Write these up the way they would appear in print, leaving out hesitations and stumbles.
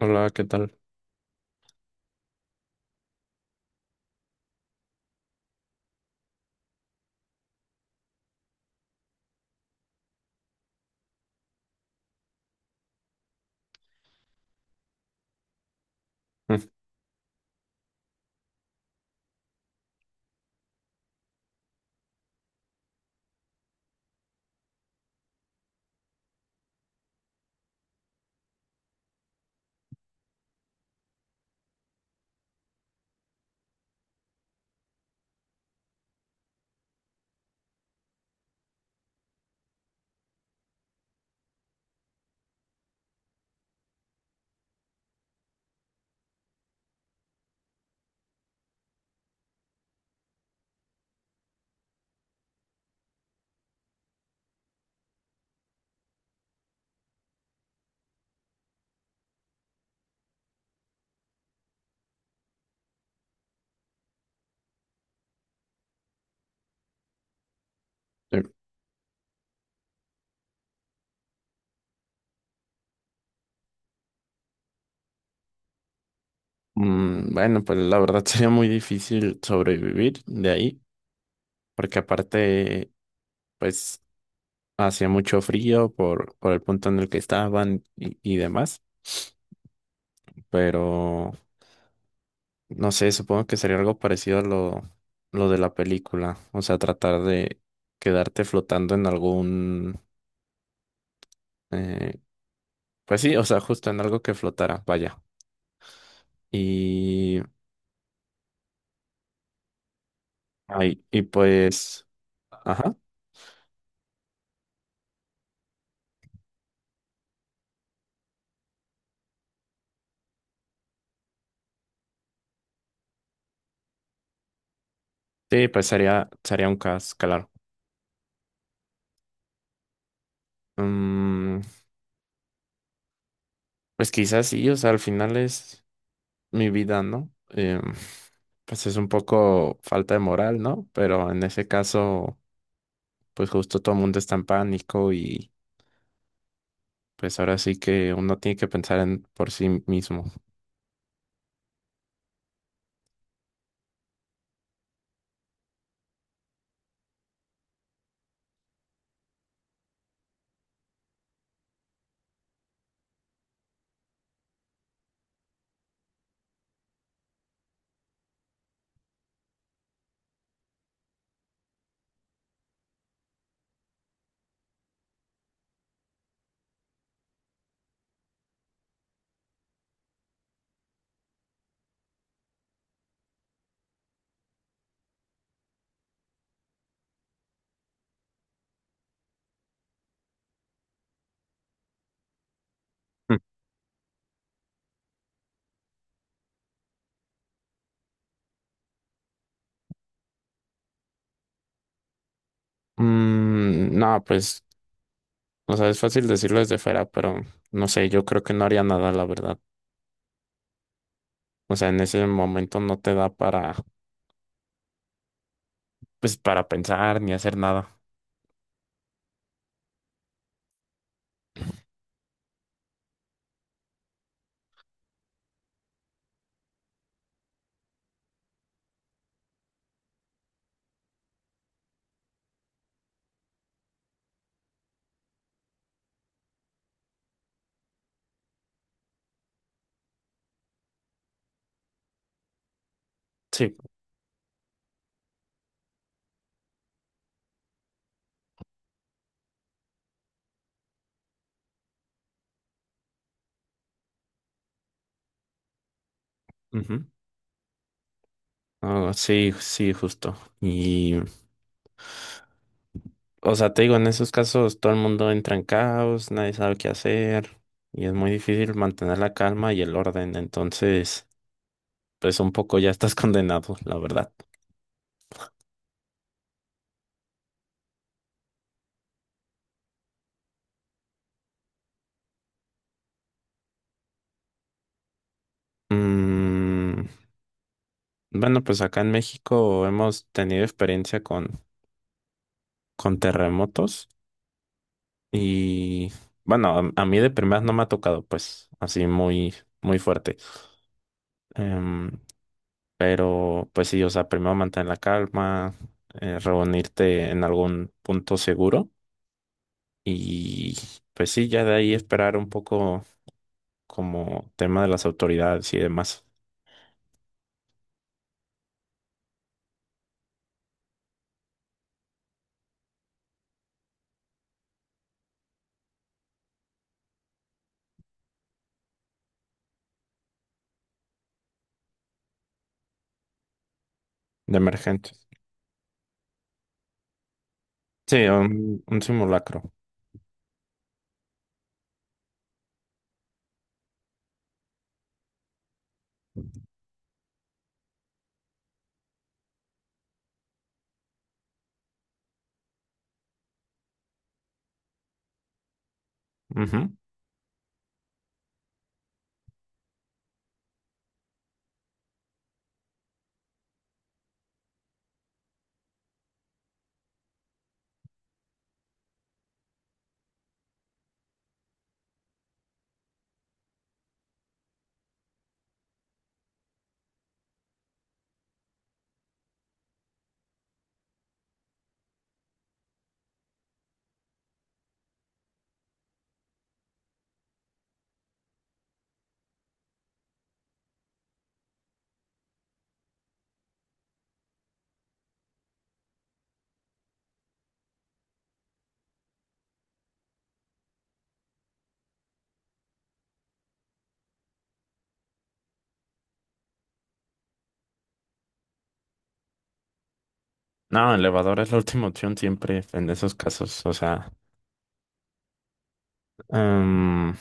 Hola, ¿qué tal? Mm, eh, bueno, pues la verdad sería muy difícil sobrevivir de ahí, porque aparte, pues hacía mucho frío por el punto en el que estaban y demás, pero no sé, supongo que sería algo parecido a lo de la película, o sea, tratar de quedarte flotando en eh, pues sí, o sea, justo en algo que flotara, vaya. Y, ay, y pues, ajá, sí, pues sería un caos, claro. Mm, pues quizás sí, o sea, al final es mi vida, ¿no? Em, pues es un poco falta de moral, ¿no? Pero en ese caso, pues justo todo el mundo está en pánico y pues ahora sí que uno tiene que pensar en por sí mismo. Mm. Mm, no, pues, o sea, es fácil decirlo desde fuera, pero no sé, yo creo que no haría nada, la verdad. O sea, en ese momento no te da para, pues, para pensar ni hacer nada. Sí. Ujú. Ah, sí, sí, justo. Y O sea, te digo, en esos casos todo el mundo entra en caos, nadie sabe qué hacer y es muy difícil mantener la calma y el orden. Entonces, pues un poco ya estás condenado, la verdad. Mm, bueno, pues acá en México hemos tenido experiencia con terremotos y bueno, a mí de primeras no me ha tocado, pues así muy fuerte. Em, pero pues sí, o sea, primero mantener la calma, reunirte en algún punto seguro y pues sí, ya de ahí esperar un poco como tema de las autoridades y demás, de emergentes. Sí, un simulacro. Ujú. No, elevador es la última opción siempre en esos casos. O sea, em,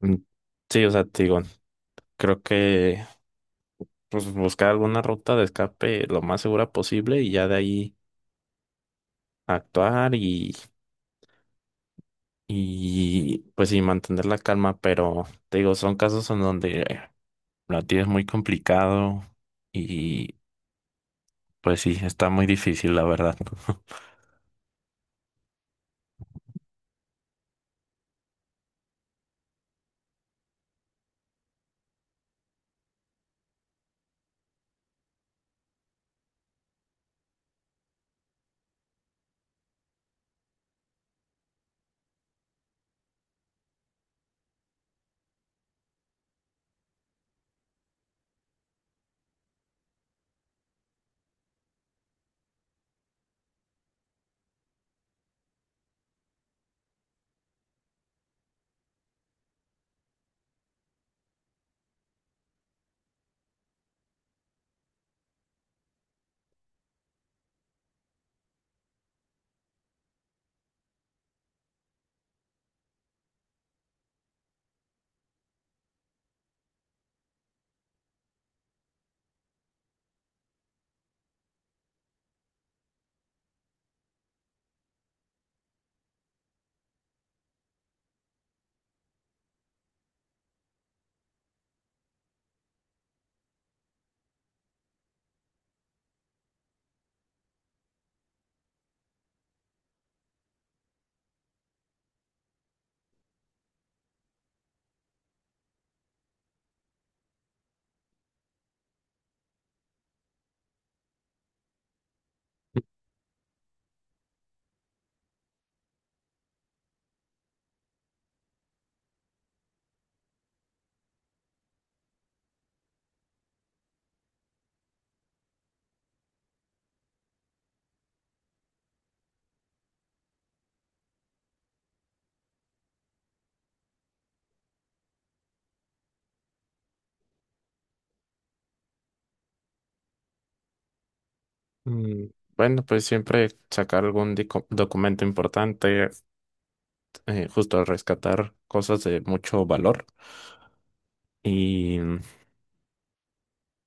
mm, sí, o sea, te digo, creo que pues buscar alguna ruta de escape lo más segura posible y ya de ahí actuar y, y pues sí, mantener la calma. Pero te digo, son casos en donde lo tienes muy complicado y pues sí, está muy difícil, la verdad. Mm, bueno, pues siempre sacar algún documento importante, justo rescatar cosas de mucho valor. Y mm,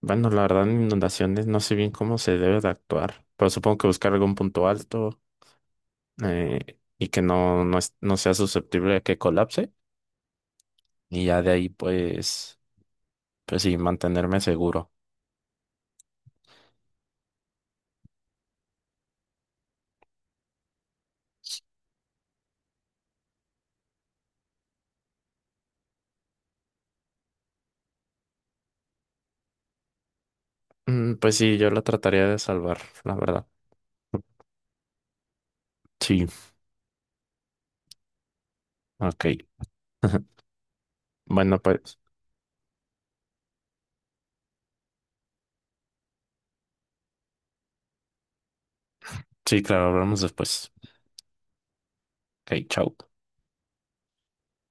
bueno, la verdad, en inundaciones no sé bien cómo se debe de actuar, pero supongo que buscar algún punto alto, y que no sea susceptible a que colapse. Y ya de ahí, pues, pues sí, mantenerme seguro. Mm, pues sí, yo la trataría de salvar, la verdad. Sí. Ok. Bueno, pues sí, claro, hablamos después. Ok, chao.